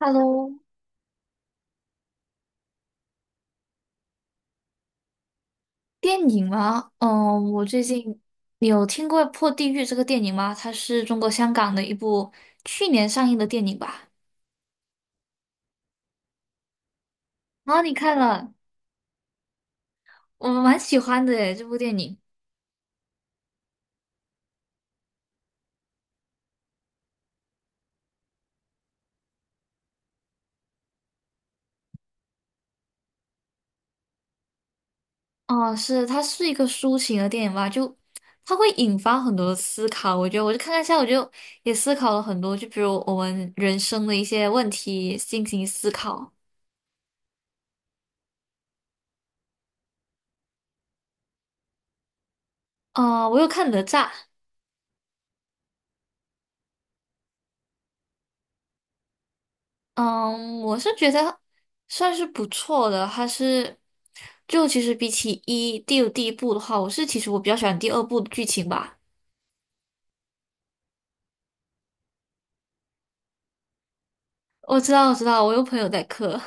Hello，电影吗？嗯，我最近你有听过《破地狱》这个电影吗？它是中国香港的一部去年上映的电影吧？啊，你看了，我蛮喜欢的诶，这部电影。哦，是，它是一个抒情的电影吧？就它会引发很多的思考。我觉得，我就看了一下，我就也思考了很多，就比如我们人生的一些问题进行思考。啊，我有看哪吒，嗯，我是觉得算是不错的，还是就其实比起一第有第一部的话，我是其实我比较喜欢第二部的剧情吧。我知道，我有朋友在磕，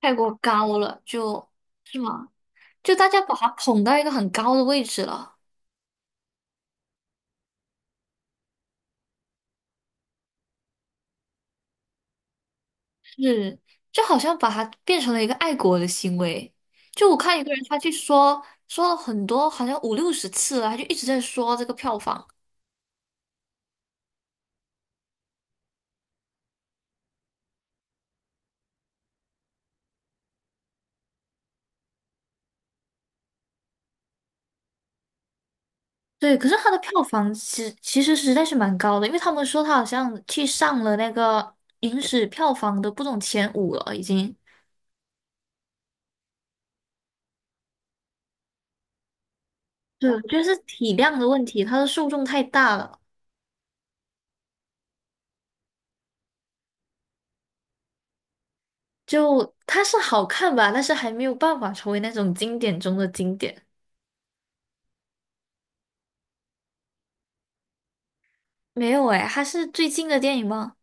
太过高了，就大家把它捧到一个很高的位置了，是就好像把它变成了一个爱国的行为。就我看一个人他去说了很多，好像五六十次了，他就一直在说这个票房。对，可是它的票房其实在是蛮高的，因为他们说它好像去上了那个影史票房的不总前五了，已经。对，就是体量的问题，它的受众太大了。就它是好看吧，但是还没有办法成为那种经典中的经典。没有诶，它是最近的电影吗？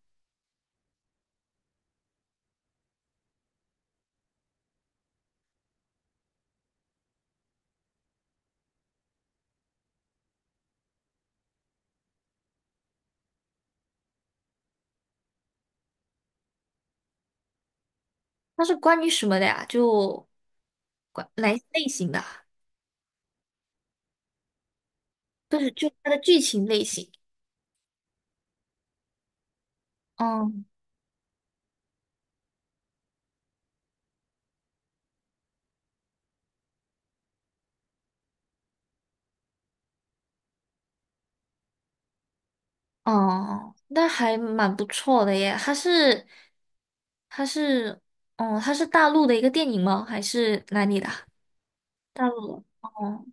它是关于什么的呀？就关哪一类型的啊？就它的剧情类型。哦哦，那还蛮不错的耶。它是，它是，哦，它是大陆的一个电影吗？还是哪里的啊大陆的。哦，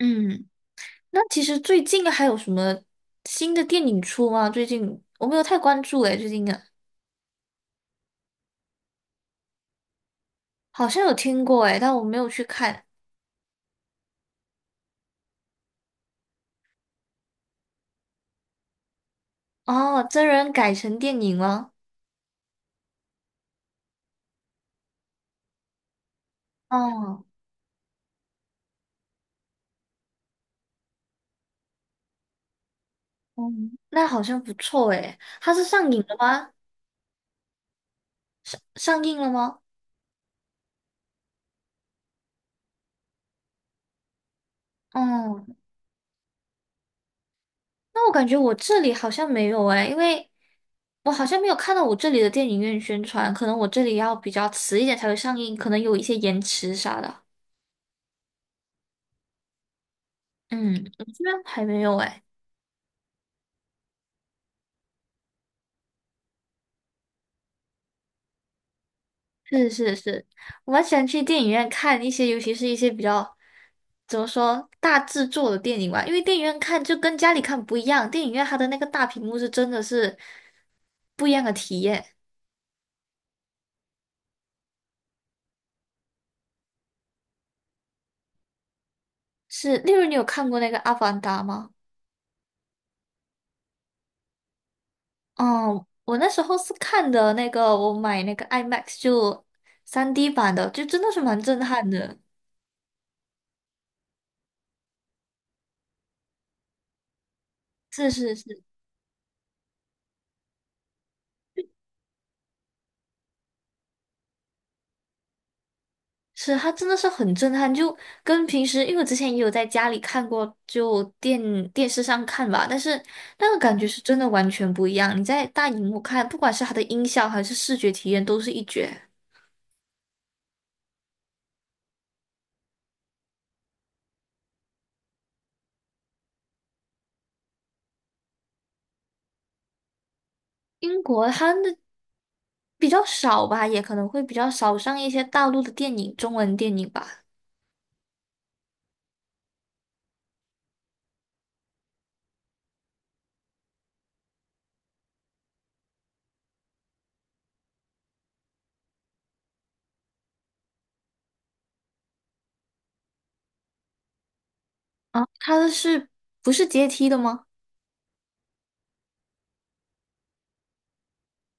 嗯，那其实最近还有什么新的电影出吗？最近我没有太关注诶，最近的好像有听过诶，但我没有去看。哦，真人改成电影了。哦，嗯，那好像不错诶。它是上映了吗？上映了吗？哦，那我感觉我这里好像没有诶，因为。我好像没有看到我这里的电影院宣传，可能我这里要比较迟一点才会上映，可能有一些延迟啥的。嗯，我这边还没有哎。是是是，我蛮喜欢去电影院看一些，尤其是一些比较怎么说大制作的电影吧，因为电影院看就跟家里看不一样，电影院它的那个大屏幕是真的是不一样的体验。是，例如你有看过那个《阿凡达》吗？哦，我那时候是看的那个，我买那个 IMAX 就 3D 版的，就真的是蛮震撼的。是是是是，它真的是很震撼，就跟平时，因为我之前也有在家里看过，就电视上看吧，但是那个感觉是真的完全不一样。你在大荧幕看，不管是它的音效还是视觉体验，都是一绝。英国它的比较少吧，也可能会比较少上一些大陆的电影，中文电影吧。啊，它的是不是阶梯的吗？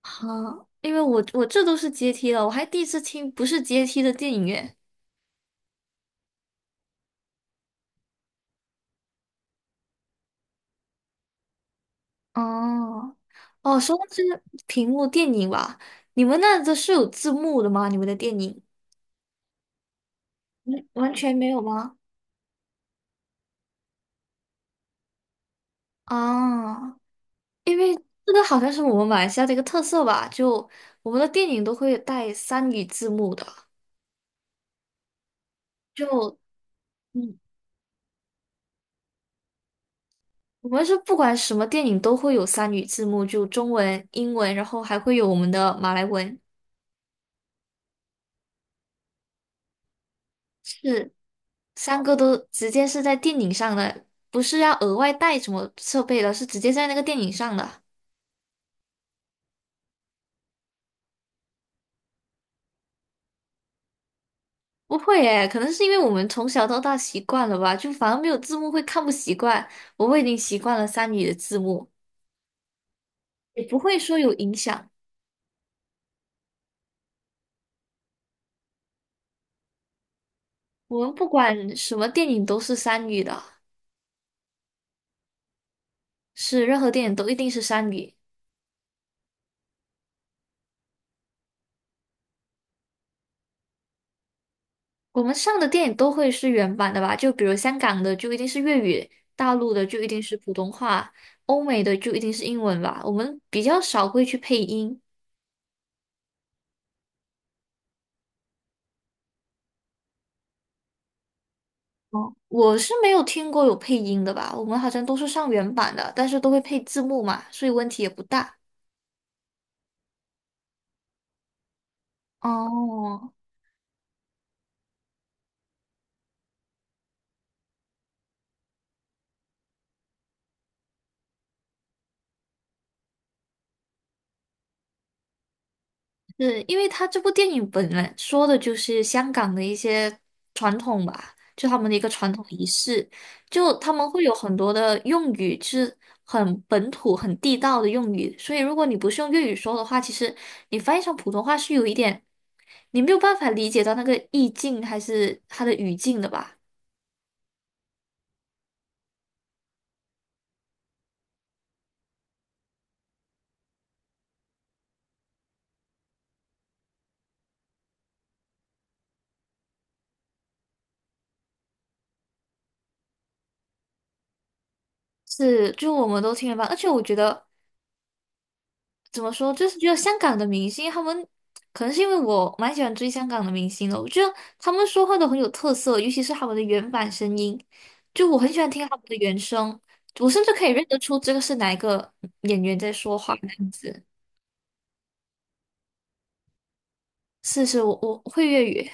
啊，因为我这都是阶梯了，我还第一次听不是阶梯的电影院。哦。哦，说到这个屏幕电影吧，你们那都是有字幕的吗？你们的电影完全没有吗？啊，因为这个好像是我们马来西亚的一个特色吧，就我们的电影都会带三语字幕的，就嗯，我们是不管什么电影都会有三语字幕，就中文、英文，然后还会有我们的马来文，是三个都直接是在电影上的，不是要额外带什么设备的，是直接在那个电影上的。不会诶，可能是因为我们从小到大习惯了吧，就反而没有字幕会看不习惯。我们已经习惯了三语的字幕，也不会说有影响。我们不管什么电影都是三语的，是任何电影都一定是三语。我们上的电影都会是原版的吧？就比如香港的就一定是粤语，大陆的就一定是普通话，欧美的就一定是英文吧。我们比较少会去配音。哦，我是没有听过有配音的吧？我们好像都是上原版的，但是都会配字幕嘛，所以问题也不大。哦，是因为他这部电影本来说的就是香港的一些传统吧，就他们的一个传统仪式，就他们会有很多的用语是很本土、很地道的用语，所以如果你不是用粤语说的话，其实你翻译成普通话是有一点，你没有办法理解到那个意境还是它的语境的吧。是，就我们都听了吧，而且我觉得怎么说，就是觉得香港的明星，他们可能是因为我蛮喜欢追香港的明星的，我觉得他们说话都很有特色，尤其是他们的原版声音，就我很喜欢听他们的原声，我甚至可以认得出这个是哪一个演员在说话的样子。是是，我会粤语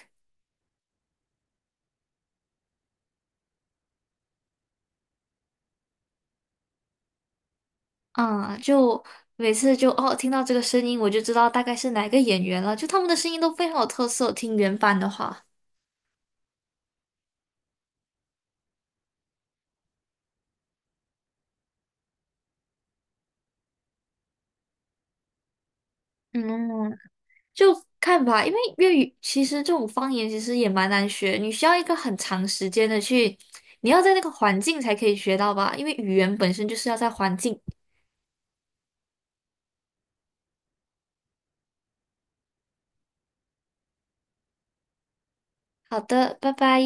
啊，就每次就哦听到这个声音，我就知道大概是哪一个演员了，就他们的声音都非常有特色，听原版的话。嗯，就看吧，因为粤语其实这种方言其实也蛮难学，你需要一个很长时间的去，你要在那个环境才可以学到吧，因为语言本身就是要在环境。好的，拜拜。